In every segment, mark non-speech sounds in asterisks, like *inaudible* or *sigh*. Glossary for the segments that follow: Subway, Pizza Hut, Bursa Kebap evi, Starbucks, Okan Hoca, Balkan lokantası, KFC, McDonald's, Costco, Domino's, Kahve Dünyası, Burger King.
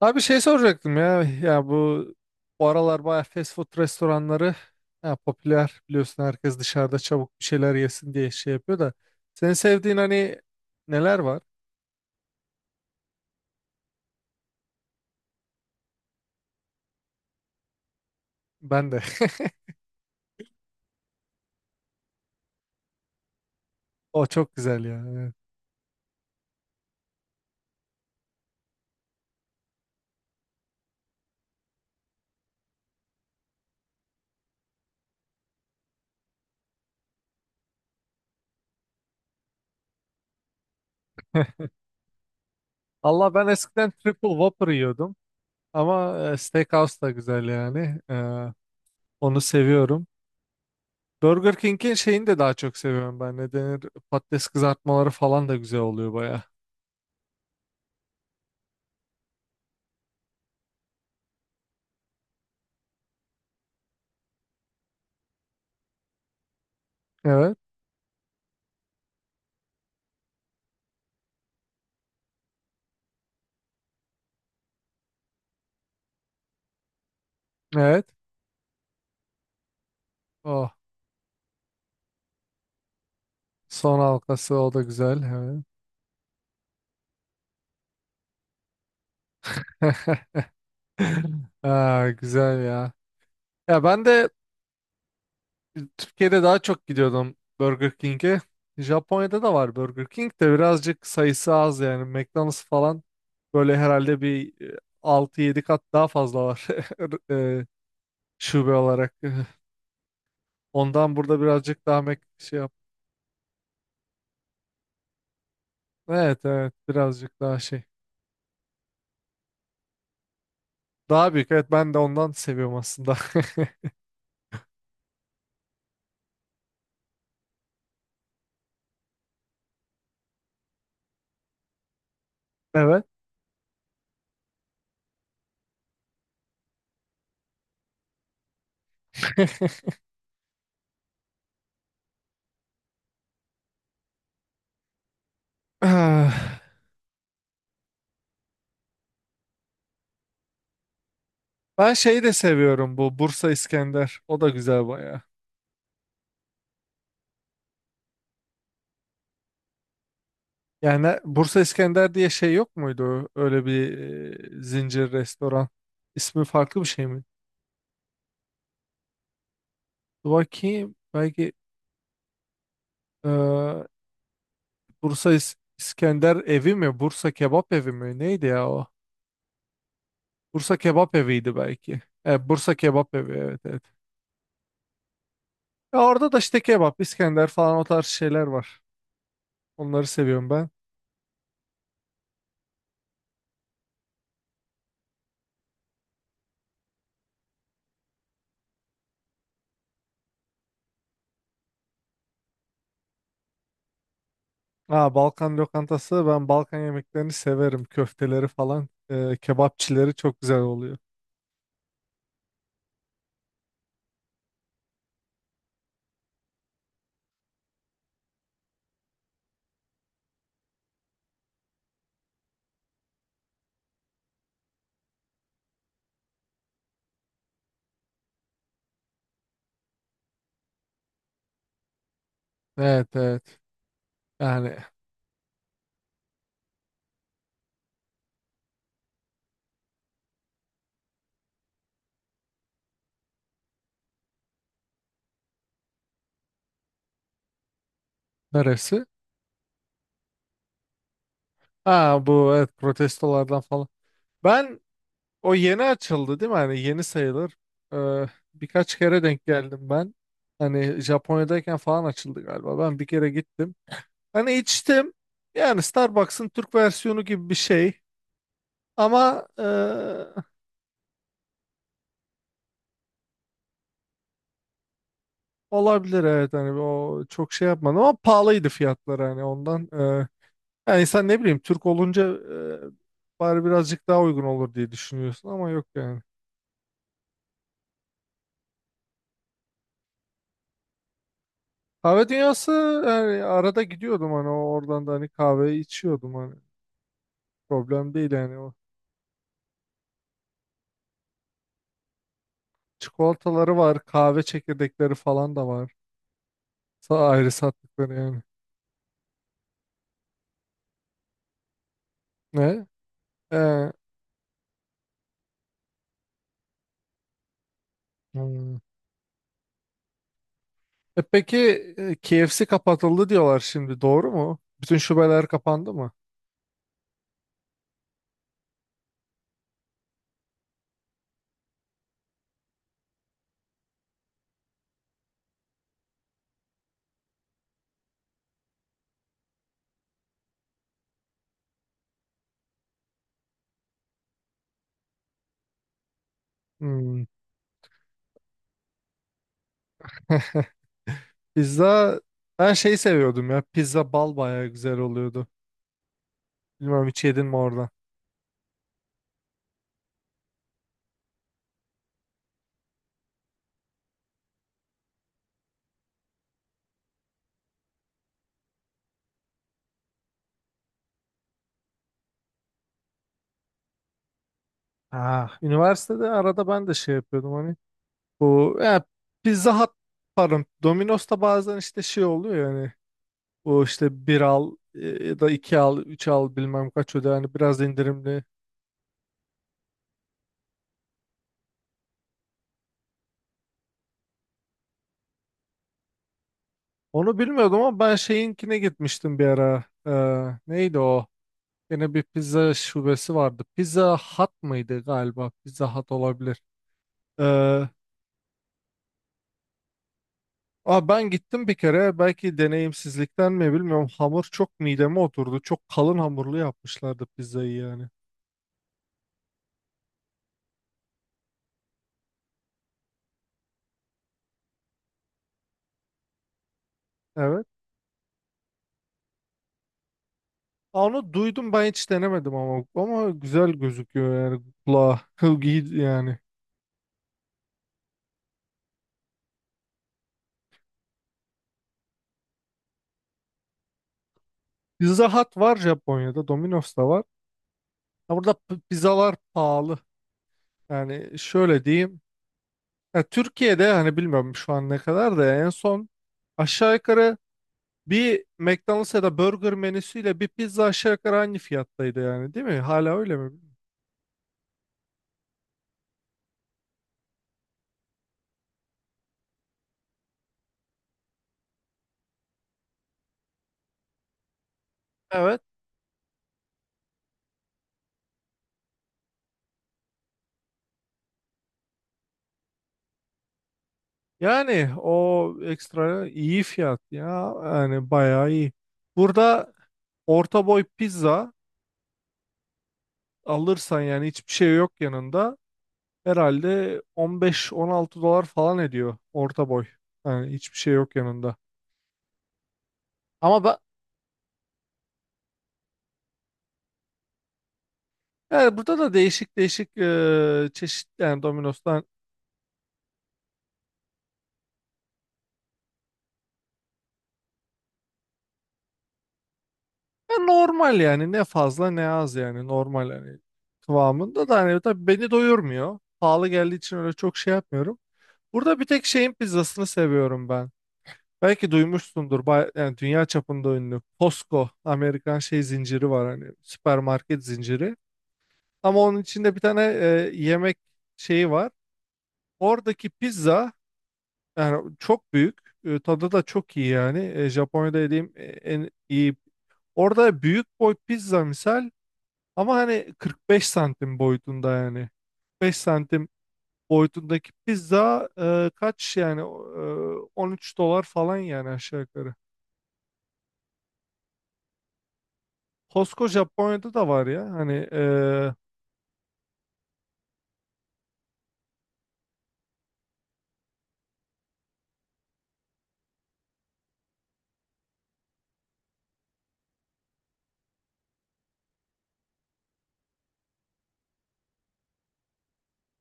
Abi şey soracaktım ya, bu aralar bayağı fast food restoranları ya popüler, biliyorsun, herkes dışarıda çabuk bir şeyler yesin diye şey yapıyor da senin sevdiğin hani neler var? Ben de. *laughs* O çok güzel ya. Evet. Allah, ben eskiden Triple Whopper yiyordum ama Steakhouse da güzel yani. Onu seviyorum. Burger King'in şeyini de daha çok seviyorum ben. Ne denir? Patates kızartmaları falan da güzel oluyor baya. Evet. Evet. Oh. Son halkası o da güzel. Evet. *laughs* Aa, güzel ya. Ya ben de Türkiye'de daha çok gidiyordum Burger King'e. Japonya'da da var Burger King de, birazcık sayısı az yani. McDonald's falan böyle herhalde bir 6-7 kat daha fazla var, *laughs* e, şube olarak. *laughs* Ondan burada birazcık daha Mac şey yap. Evet evet, birazcık daha şey. Daha büyük, evet, ben de ondan seviyorum aslında. *laughs* Evet. *laughs* Ben şeyi de seviyorum, bu Bursa İskender. O da güzel bayağı. Yani Bursa İskender diye şey yok muydu? Öyle bir zincir restoran. İsmi farklı bir şey mi? Dur bakayım. Belki e, İskender evi mi? Bursa Kebap evi mi? Neydi ya o? Bursa Kebap eviydi belki. Evet, Bursa Kebap evi, evet evet. Ya orada da işte kebap, İskender falan, o tarz şeyler var. Onları seviyorum ben. Aa, Balkan lokantası, ben Balkan yemeklerini severim. Köfteleri falan. Kebapçileri çok güzel oluyor. Evet evet. Yani neresi? Ha bu, evet, protestolardan falan. Ben o yeni açıldı değil mi? Hani yeni sayılır. Ee, Birkaç kere denk geldim ben. Hani Japonya'dayken falan açıldı galiba. Ben bir kere gittim. Hani içtim. Yani Starbucks'ın Türk versiyonu gibi bir şey. Ama olabilir, evet. Hani o çok şey yapmadım ama pahalıydı fiyatları hani, ondan. Yani insan, ne bileyim, Türk olunca bari birazcık daha uygun olur diye düşünüyorsun ama yok yani. Kahve dünyası, yani arada gidiyordum, hani oradan da hani kahve içiyordum hani, problem değil yani o. Çikolataları var, kahve çekirdekleri falan da var. Ayrı sattıkları yani. Ne Ee, hmm. E peki, KFC kapatıldı diyorlar şimdi, doğru mu, bütün şubeler kapandı mı? Hmm. *laughs* Pizza, ben şey seviyordum ya, pizza bal bayağı güzel oluyordu, bilmiyorum hiç yedin mi orada. Ah, üniversitede arada ben de şey yapıyordum hani, bu ya Pizza Hut, pardon, Domino's'ta bazen işte şey oluyor yani, bu işte bir al, ya da iki al üç al bilmem kaç öde, yani biraz indirimli. Onu bilmiyordum ama ben şeyinkine gitmiştim bir ara. Neydi o? Yine bir pizza şubesi vardı. Pizza Hut mıydı galiba? Pizza Hut olabilir. Ee, Aa, ben gittim bir kere, belki deneyimsizlikten mi bilmiyorum, hamur çok mideme oturdu. Çok kalın hamurlu yapmışlardı pizzayı yani. Evet. Aa, onu duydum ben, hiç denemedim ama, ama güzel gözüküyor yani kulağa. *laughs* İyi yani. Pizza Hut var Japonya'da, Domino's da var. Ha, burada pizzalar pahalı. Yani şöyle diyeyim. Ya Türkiye'de, hani bilmiyorum şu an ne kadar, da en son aşağı yukarı bir McDonald's ya da burger menüsüyle bir pizza aşağı yukarı aynı fiyattaydı yani, değil mi? Hala öyle mi? Evet. Yani o ekstra iyi fiyat ya. Yani bayağı iyi. Burada orta boy pizza alırsan, yani hiçbir şey yok yanında, herhalde 15-16 dolar falan ediyor orta boy. Yani hiçbir şey yok yanında. Ama ben yani burada da değişik değişik çeşit yani Domino's'tan, ya normal yani, ne fazla ne az yani, normal yani, kıvamında da. Hani tabii beni doyurmuyor. Pahalı geldiği için öyle çok şey yapmıyorum. Burada bir tek şeyin pizzasını seviyorum ben. Belki duymuşsundur, yani dünya çapında ünlü Costco, Amerikan şey zinciri var, hani süpermarket zinciri. Ama onun içinde bir tane yemek şeyi var. Oradaki pizza yani çok büyük. Tadı da çok iyi yani. Japonya'da yediğim en iyi. Orada büyük boy pizza misal, ama hani 45 santim boyutunda yani. 45 santim boyutundaki pizza kaç yani, 13 dolar falan yani aşağı yukarı. Costco Japonya'da da var ya, hani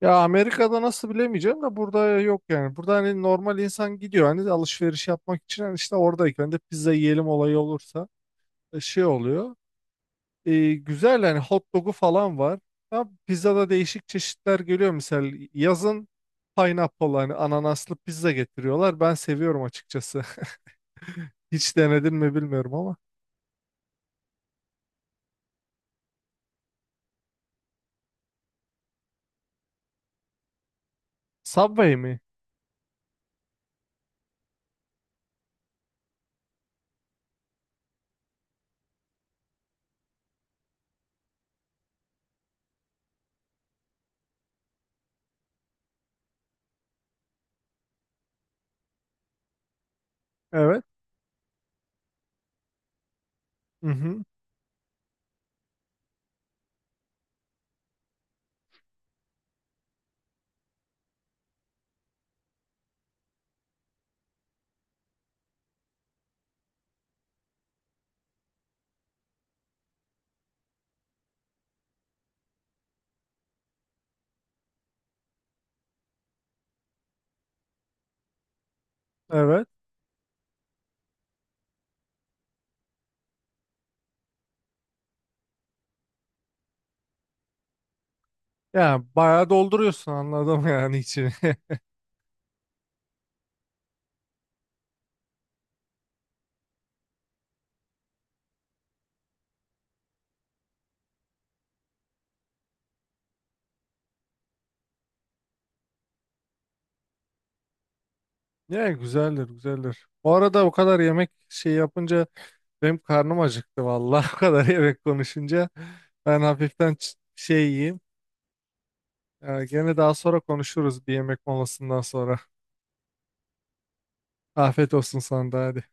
ya Amerika'da nasıl bilemeyeceğim de burada yok yani. Burada hani normal insan gidiyor hani alışveriş yapmak için, hani işte oradayken de pizza yiyelim olayı olursa şey oluyor. Güzel yani, hot dog'u falan var. Ama pizzada değişik çeşitler geliyor. Mesela yazın pineapple, hani ananaslı pizza getiriyorlar. Ben seviyorum açıkçası. *laughs* Hiç denedin mi bilmiyorum ama. Subway mi? Evet. Hı hı. Evet. Yani bayağı dolduruyorsun, anladım yani, içini. *laughs* Ne güzeldir güzeldir. Bu arada o kadar yemek şey yapınca benim karnım acıktı vallahi, *laughs* o kadar yemek konuşunca. Ben hafiften şey yiyeyim. Gene daha sonra konuşuruz bir yemek molasından sonra. Afiyet olsun sana da, hadi.